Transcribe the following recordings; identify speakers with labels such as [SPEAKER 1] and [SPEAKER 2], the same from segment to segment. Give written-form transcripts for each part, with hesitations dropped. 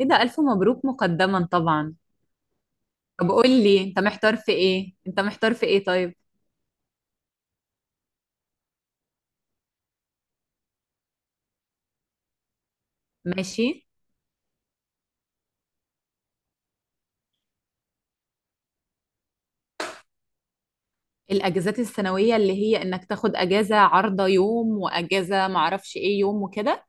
[SPEAKER 1] ايه، ده الف مبروك مقدما طبعا. طب قول لي، انت محتار في ايه؟ طيب. ماشي. الاجازات السنويه اللي هي انك تاخد اجازه عارضه يوم، واجازه معرفش ايه يوم، وكده.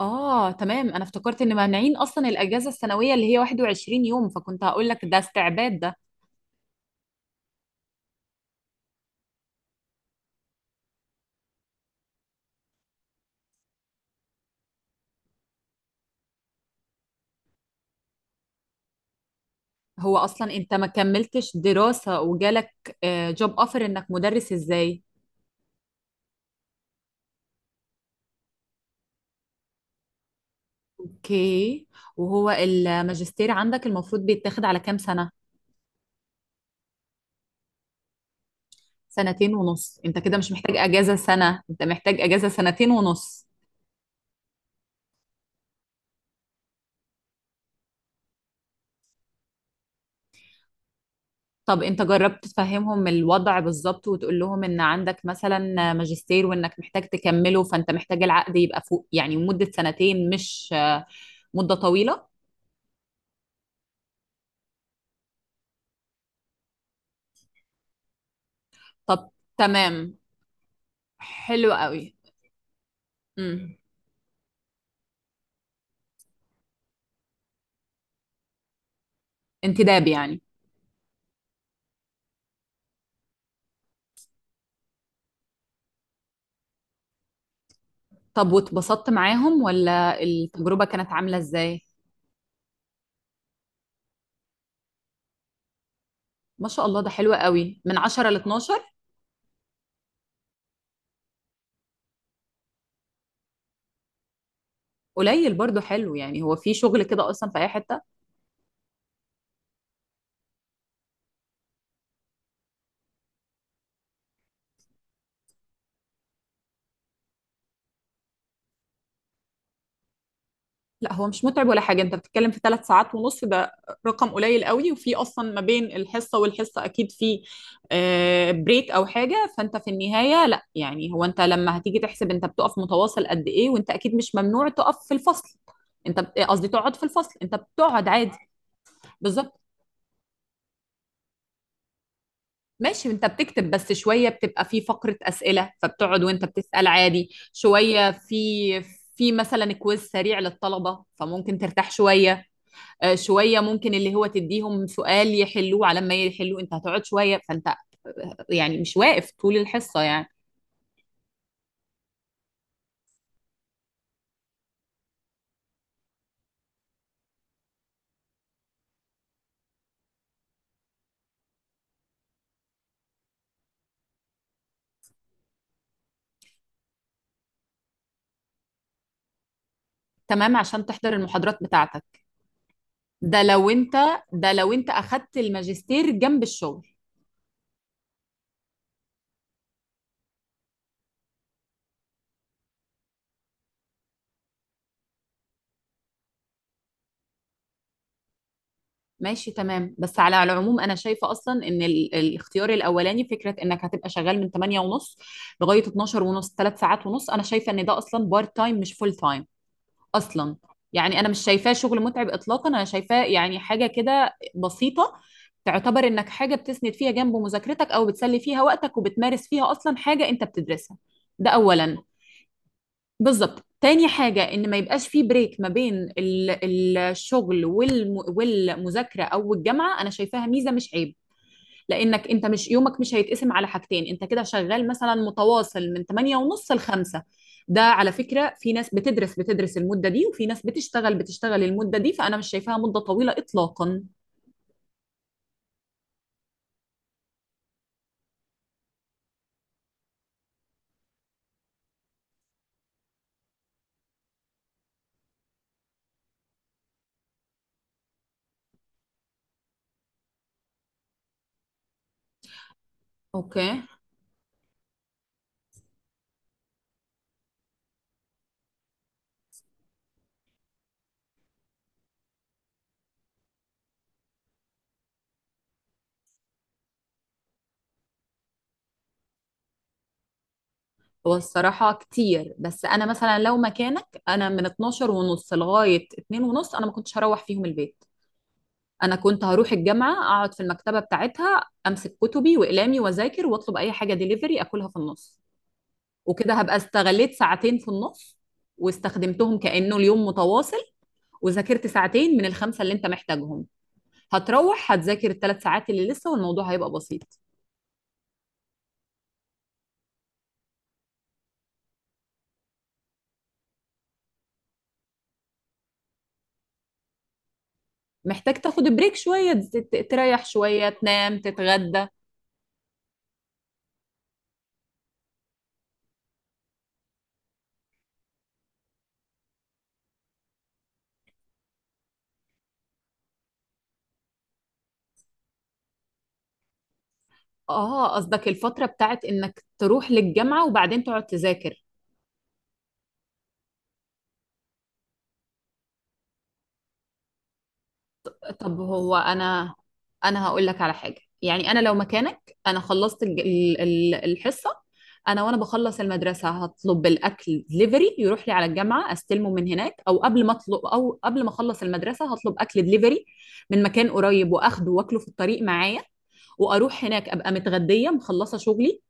[SPEAKER 1] اه، تمام، انا افتكرت ان مانعين اصلا الاجازه السنويه اللي هي 21 يوم، فكنت هقول لك ده استعباد ده. هو اصلا انت ما كملتش دراسه وجالك جوب اوفر انك مدرس ازاي؟ اوكي. وهو الماجستير عندك المفروض بيتاخد على كام سنه؟ سنتين ونص؟ انت كده مش محتاج اجازة سنة، انت محتاج اجازة سنتين ونص. طب انت جربت تفهمهم الوضع بالظبط، وتقول لهم ان عندك مثلا ماجستير، وانك محتاج تكمله، فانت محتاج العقد يبقى فوق يعني مدة سنتين، مش مدة طويلة. طب. تمام. حلو قوي. امم انتداب يعني؟ طب واتبسطت معاهم ولا التجربة كانت عاملة ازاي؟ ما شاء الله، ده حلو قوي، من 10 ل 12. قليل برضو. حلو يعني، هو في شغل كده اصلا في اي حتة؟ لا، هو مش متعب ولا حاجة. انت بتتكلم في 3 ساعات ونص، ده رقم قليل قوي، وفي اصلا ما بين الحصة والحصة اكيد في بريك او حاجة. فانت في النهاية، لا، يعني هو انت لما هتيجي تحسب انت بتقف متواصل قد ايه؟ وانت اكيد مش ممنوع تقف في الفصل. قصدي تقعد في الفصل، انت بتقعد عادي. بالظبط. ماشي، انت بتكتب بس شوية، بتبقى في فقرة اسئلة فبتقعد وانت بتسأل عادي، شوية في مثلا كويز سريع للطلبة فممكن ترتاح شوية. شويه، ممكن اللي هو تديهم سؤال يحلوه، على ما يحلوه انت هتقعد شويه، فانت يعني مش واقف طول الحصه يعني. تمام، عشان تحضر المحاضرات بتاعتك. ده لو انت ده لو انت اخدت الماجستير جنب الشغل. ماشي، تمام، بس على العموم انا شايفه اصلا ان الاختيار الاولاني، فكره انك هتبقى شغال من 8 ونص لغايه 12 ونص، 3 ساعات ونص، انا شايفه ان ده اصلا بارت تايم مش فول تايم اصلا. يعني انا مش شايفاه شغل متعب اطلاقا، انا شايفاه يعني حاجه كده بسيطه، تعتبر انك حاجه بتسند فيها جنب مذاكرتك، او بتسلي فيها وقتك، وبتمارس فيها اصلا حاجه انت بتدرسها. ده اولا. بالظبط. تاني حاجه ان ما يبقاش في بريك ما بين الشغل والمذاكره او الجامعه. انا شايفاها ميزه مش عيب، لانك انت مش يومك مش هيتقسم على حاجتين، انت كده شغال مثلا متواصل من 8 ونص ل 5. ده على فكرة في ناس بتدرس المدة دي، وفي ناس بتشتغل المدة دي، فانا مش شايفاها مدة طويلة اطلاقا. اوكي. هو الصراحة كتير، بس انا مثلا لو مكانك، انا من 12 ونص لغاية 2 ونص انا ما كنتش هروح فيهم البيت، انا كنت هروح الجامعة اقعد في المكتبة بتاعتها، امسك كتبي واقلامي واذاكر، واطلب اي حاجة ديليفري اكلها في النص. وكده هبقى استغليت ساعتين في النص، واستخدمتهم كأنه اليوم متواصل، وذاكرت ساعتين من الخمسة اللي انت محتاجهم. هتروح هتذاكر ال3 ساعات اللي لسه، والموضوع هيبقى بسيط. محتاج تاخد بريك شوية، تريح شوية، تنام، تتغدى. اه، قصدك الفترة بتاعت انك تروح للجامعة وبعدين تقعد تذاكر. طب هو انا هقول لك على حاجه، يعني انا لو مكانك، انا خلصت الحصه، انا وانا بخلص المدرسه هطلب الاكل دليفري يروح لي على الجامعه استلمه من هناك، او قبل ما اطلب، او قبل ما اخلص المدرسه هطلب اكل دليفري من مكان قريب واخده واكله في الطريق معايا، واروح هناك ابقى متغديه مخلصه شغلي،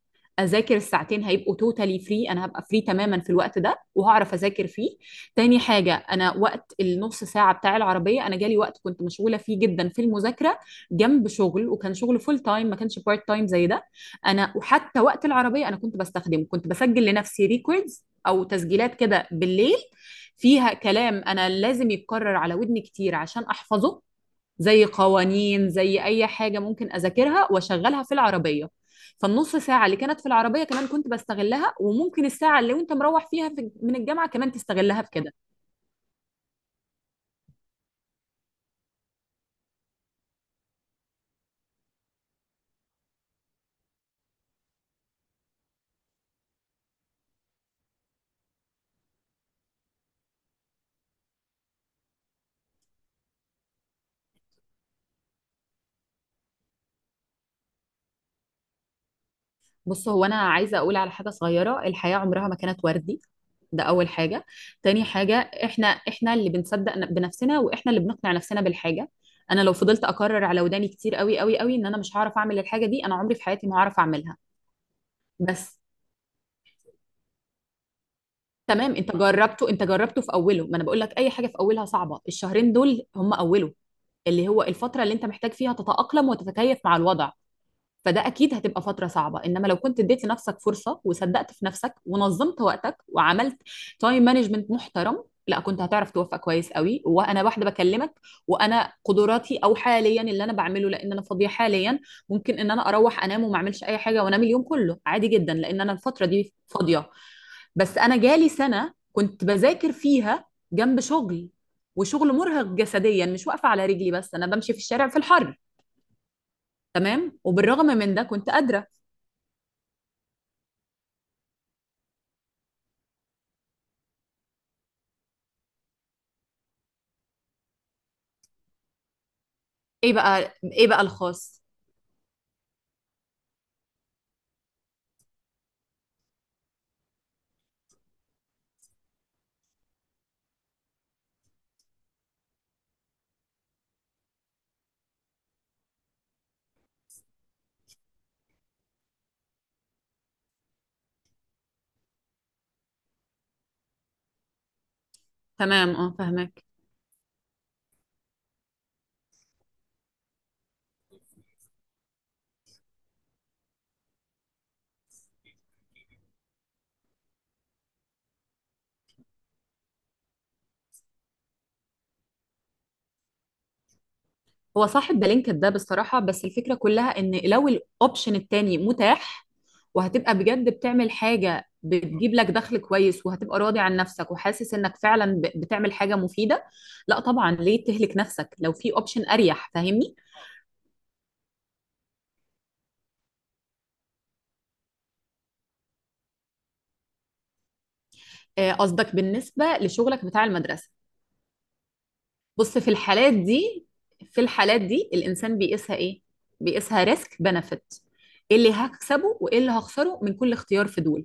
[SPEAKER 1] اذاكر الساعتين، هيبقوا توتالي فري، انا هبقى فري تماما في الوقت ده وهعرف اذاكر فيه. تاني حاجه، انا وقت النص ساعة بتاع العربية، أنا جالي وقت كنت مشغولة فيه جدا في المذاكرة جنب شغل، وكان شغل فول تايم ما كانش بارت تايم زي ده. أنا وحتى وقت العربية أنا كنت بستخدمه، كنت بسجل لنفسي ريكوردز أو تسجيلات كده بالليل، فيها كلام أنا لازم يتكرر على ودني كتير عشان أحفظه، زي قوانين، زي أي حاجة ممكن أذاكرها وأشغلها في العربية. فالنص ساعة اللي كانت في العربية كمان كنت بستغلها، وممكن الساعة اللي وانت مروح فيها في من الجامعة كمان تستغلها في كده. بص، هو انا عايزه اقول على حاجه صغيره، الحياه عمرها ما كانت وردي، ده اول حاجه. تاني حاجه، احنا اللي بنصدق بنفسنا، واحنا اللي بنقنع نفسنا بالحاجه. انا لو فضلت اكرر على وداني كتير قوي قوي قوي ان انا مش هعرف اعمل الحاجه دي، انا عمري في حياتي ما هعرف اعملها. بس تمام، انت جربته في اوله، ما انا بقول لك اي حاجه في اولها صعبه، الشهرين دول هم اوله، اللي هو الفتره اللي انت محتاج فيها تتاقلم وتتكيف مع الوضع، فده اكيد هتبقى فتره صعبه. انما لو كنت اديت لنفسك فرصه، وصدقت في نفسك، ونظمت وقتك، وعملت تايم مانجمنت محترم، لا كنت هتعرف توفق كويس قوي. وانا واحده بكلمك، وانا قدراتي او حاليا اللي انا بعمله، لان انا فاضيه حاليا، ممكن ان انا اروح انام وما اعملش اي حاجه وانام اليوم كله عادي جدا، لان انا الفتره دي فاضيه. بس انا جالي سنه كنت بذاكر فيها جنب شغل، وشغل مرهق جسديا، مش واقفه على رجلي بس، انا بمشي في الشارع في الحر. تمام، وبالرغم من ده كنت قادره. ايه بقى الخاص؟ تمام، اه، فاهمك. هو صاحب بلينكد ده بصراحة، بس الفكرة كلها ان لو الاوبشن التاني متاح، وهتبقى بجد بتعمل حاجة بتجيب لك دخل كويس، وهتبقى راضي عن نفسك، وحاسس انك فعلا بتعمل حاجة مفيدة، لا طبعا ليه تهلك نفسك لو في اوبشن اريح، فاهمني؟ قصدك بالنسبة لشغلك بتاع المدرسة. بص، في الحالات دي الانسان بيقيسها ايه؟ بيقيسها ريسك بنفيت، ايه اللي هكسبه وايه اللي هخسره من كل اختيار في دول.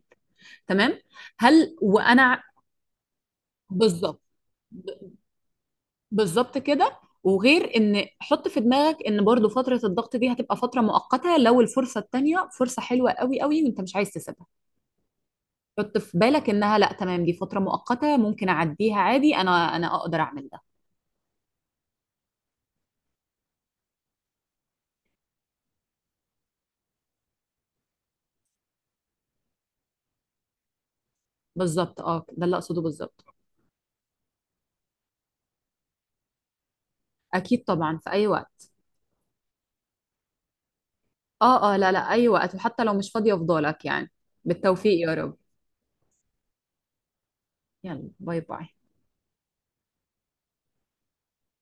[SPEAKER 1] تمام. هل وانا بالظبط، بالظبط كده. وغير ان حط في دماغك ان برضو فترة الضغط دي هتبقى فترة مؤقتة، لو الفرصة التانية فرصة حلوة قوي قوي وانت مش عايز تسيبها، حط في بالك انها، لا، تمام، دي فترة مؤقتة ممكن اعديها عادي، انا اقدر اعمل ده. بالظبط، اه، ده اللي اقصده بالظبط. اكيد طبعا، في اي وقت. اه، اه، لا، لا، اي وقت، وحتى لو مش فاضية افضلك يعني. بالتوفيق يا رب. يلا، باي باي.